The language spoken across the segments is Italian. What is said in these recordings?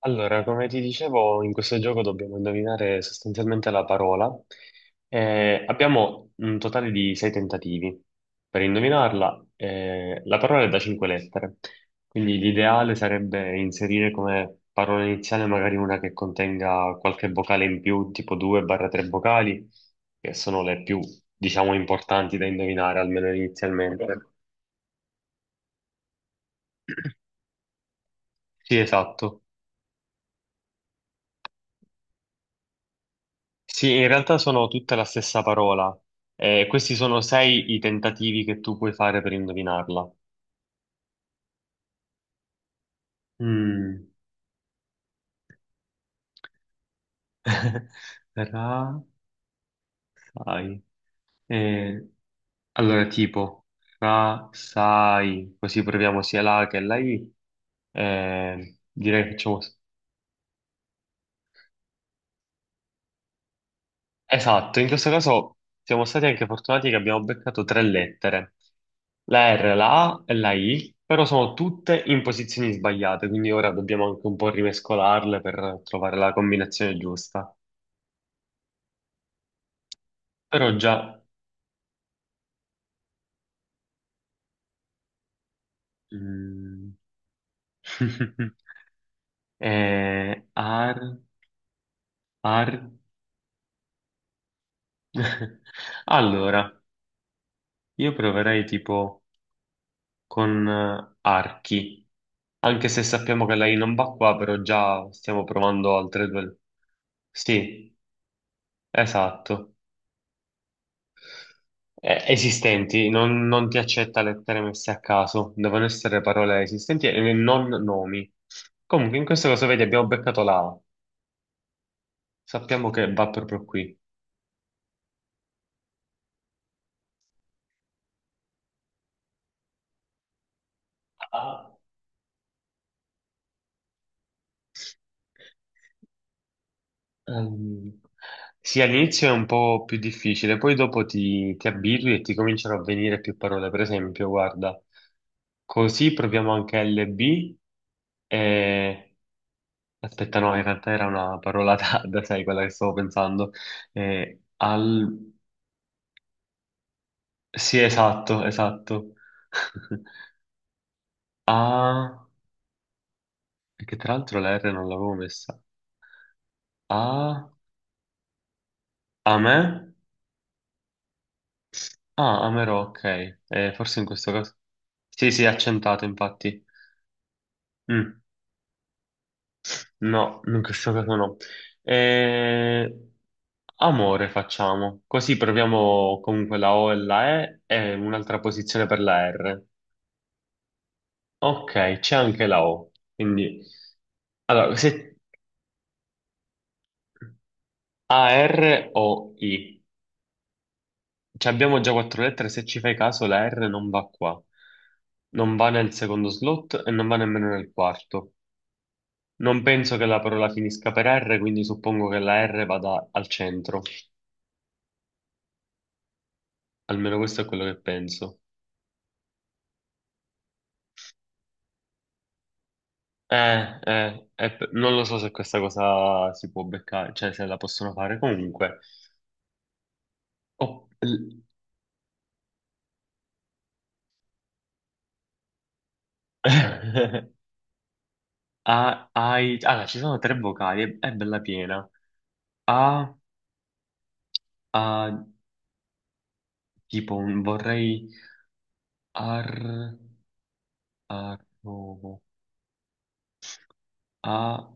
Allora, come ti dicevo, in questo gioco dobbiamo indovinare sostanzialmente la parola. Abbiamo un totale di sei tentativi per indovinarla. La parola è da cinque lettere, quindi l'ideale sarebbe inserire come parola iniziale magari una che contenga qualche vocale in più, tipo 2-3 vocali, che sono le più, diciamo, importanti da indovinare, almeno inizialmente. Sì, esatto. Sì, in realtà sono tutta la stessa parola. Questi sono sei i tentativi che tu puoi fare per indovinarla. Mm. Ra, sai. Eh, allora, tipo, ra, sai, così proviamo sia la A che la I. Direi che facciamo. Esatto, in questo caso siamo stati anche fortunati che abbiamo beccato tre lettere, la R, la A e la I, però sono tutte in posizioni sbagliate, quindi ora dobbiamo anche un po' rimescolarle per trovare la combinazione giusta. Però già... mm, ar, ar. Allora, io proverei tipo con archi. Anche se sappiamo che lei non va qua, però già stiamo provando altre due. Sì, esatto. Esistenti, non ti accetta lettere messe a caso, devono essere parole esistenti e non nomi. Comunque, in questo caso, vedi, abbiamo beccato la A. Sappiamo che va proprio qui. Ah. Ehm, sì, all'inizio è un po' più difficile, poi dopo ti abitui e ti cominciano a venire più parole. Per esempio, guarda, così proviamo anche LB e... Aspetta, no, in realtà era una parola tarda, sai, quella che stavo pensando. Al... Sì, esatto, esatto. A... Che tra l'altro la R non l'avevo messa. A... A me? Ah, Amaro, ok. Forse in questo caso... Sì, sì, accentato, infatti. Mm, No, in questo caso no. Eh, amore facciamo. Così proviamo comunque la O e la E e un'altra posizione per la R. Ok, c'è anche la O. Quindi, allora, se A, R o I. Cioè, abbiamo già quattro lettere, se ci fai caso la R non va qua. Non va nel secondo slot e non va nemmeno nel quarto. Non penso che la parola finisca per R, quindi suppongo che la R vada al centro. Almeno questo è quello che penso. Non lo so se questa cosa si può beccare, cioè se la possono fare comunque. Oh, l- Ah, allora, ci sono tre vocali, è bella piena. A, a, tipo, vorrei... Ar, arrovo. A,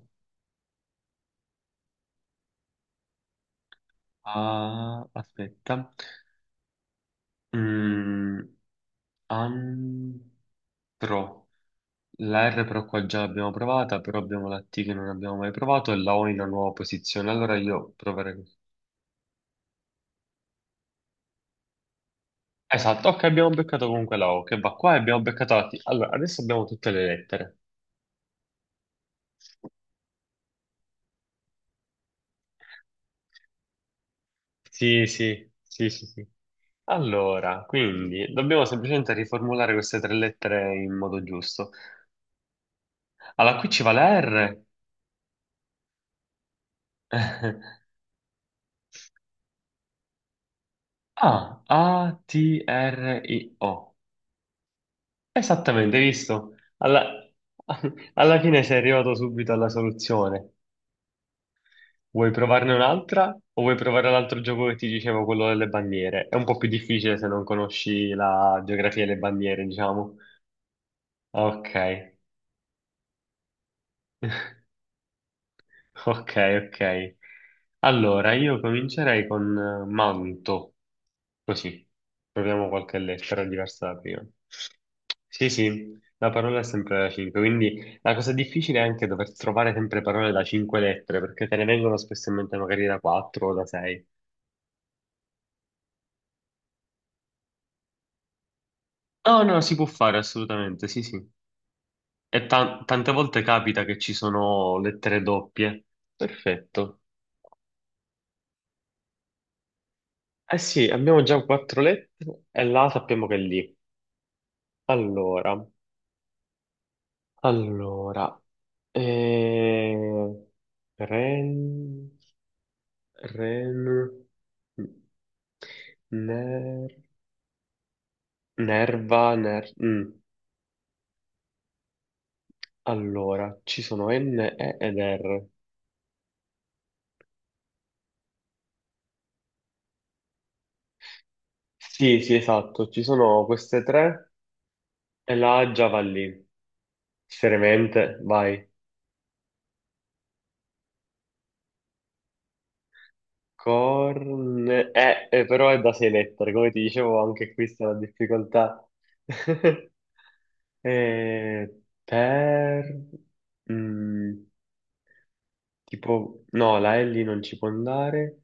a, aspetta. Mm, an... Pro. La R però qua già l'abbiamo provata, però abbiamo la T che non abbiamo mai provato e la O in una nuova posizione. Allora io proverei così. Esatto, ok, abbiamo beccato comunque la O che va qua e abbiamo beccato la T. Allora, adesso abbiamo tutte le lettere. Sì, sì, sì, sì, sì. Allora, quindi dobbiamo semplicemente riformulare queste tre lettere in modo giusto. Allora, qui ci va la R. A, A, T, R, I, O. Esattamente, hai visto? Alla, alla fine sei arrivato subito alla soluzione. Vuoi provarne un'altra o vuoi provare l'altro gioco che ti dicevo, quello delle bandiere? È un po' più difficile se non conosci la geografia delle bandiere, diciamo. Ok. Ok, ok. Allora, io comincerei con manto, così. Proviamo qualche lettera diversa da prima. Sì, sì, la parola è sempre da 5, quindi la cosa difficile è anche dover trovare sempre parole da 5 lettere, perché te ne vengono spesso in mente magari da 4 o da 6. No, no, si può fare assolutamente, sì, sì. E tante volte capita che ci sono lettere doppie. Perfetto. Eh sì, abbiamo già quattro lettere e la sappiamo che è lì. Allora, allora, eh, ren, ren, ner, nerva, ner, mm. Allora, ci sono N, E ed R. Sì, sì, esatto, ci sono queste tre e la A già va lì. Seriamente, vai. Corn... però è da 6 lettere, come ti dicevo anche qui sta la difficoltà. Eh, per... mm, tipo... No, la L non ci può andare.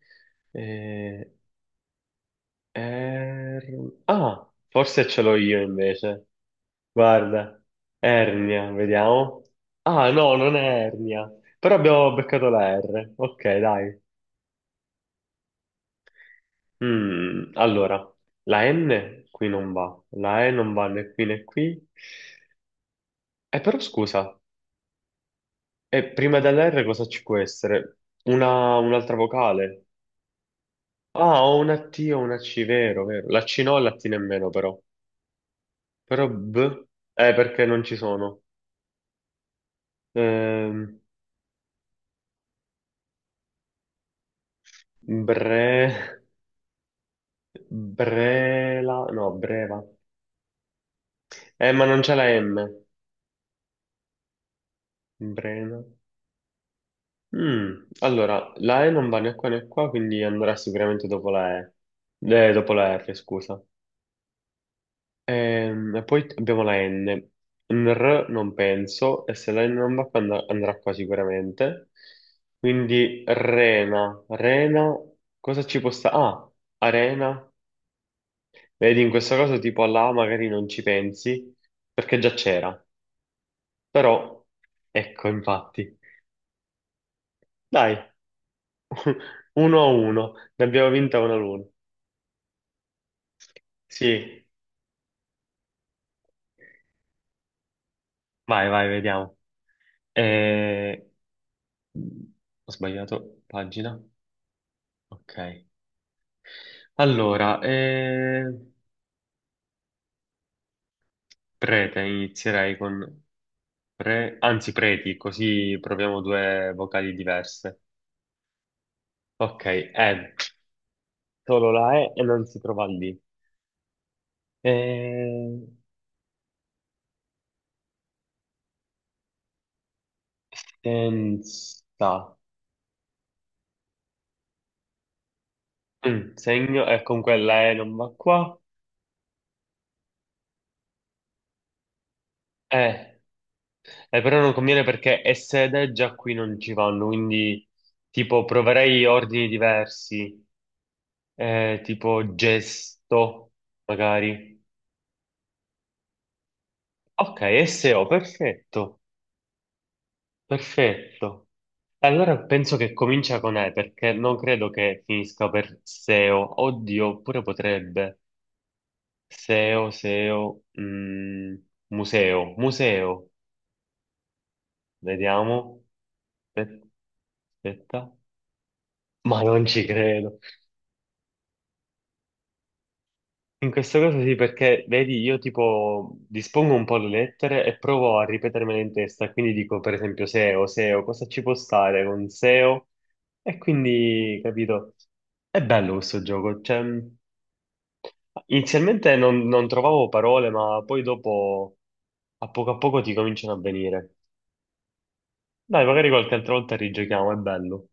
Eh, Ah, forse ce l'ho io invece. Guarda, ernia, vediamo. Ah, no, non è ernia. Però abbiamo beccato la R. Ok, dai. Allora, la N qui non va, la E non va né qui né qui. Però scusa, prima dell'R cosa ci può essere? Una, un'altra vocale? Ah, ho una T o una C, vero, vero. La C no e la T nemmeno però. Però B, perché non ci sono. Ehm, bre, brela, no, breva. Ma non c'è la M. Brena. Allora, la E non va né qua né qua, quindi andrà sicuramente dopo la E. Dopo la R, scusa. E poi abbiamo la N. Un R non penso, e se la N non va qua andrà qua sicuramente. Quindi Rena, Rena, cosa ci può stare? Ah, Arena. Vedi, in questa cosa tipo alla A magari non ci pensi, perché già c'era. Però, ecco, infatti. Dai, 1-1, ne abbiamo vinta una l'una. Sì, vai, vai, vediamo. Eh, Ho sbagliato pagina. Ok. Allora, prete, inizierei con pre, anzi preti, così proviamo due vocali diverse. Ok, ed, solo la E e non si trova lì. Eh, senza, Segno, e con quella E non va qua. E. Però non conviene perché è sede, già qui non ci vanno, quindi tipo proverei ordini diversi, tipo gesto, magari. Ok, SEO, perfetto, perfetto. Allora penso che comincia con E perché non credo che finisca per SEO. Oddio, pure potrebbe. SEO, SEO, museo, museo. Vediamo. Aspetta. Aspetta. Ma non ci credo. In questo caso sì, perché vedi, io tipo dispongo un po' le lettere e provo a ripetermele in testa, quindi dico per esempio SEO, SEO, cosa ci può stare con SEO? E O? E quindi, capito, è bello questo gioco. Cioè, inizialmente non trovavo parole, ma poi dopo, a poco ti cominciano a venire. Dai, magari qualche altra volta rigiochiamo, è bello.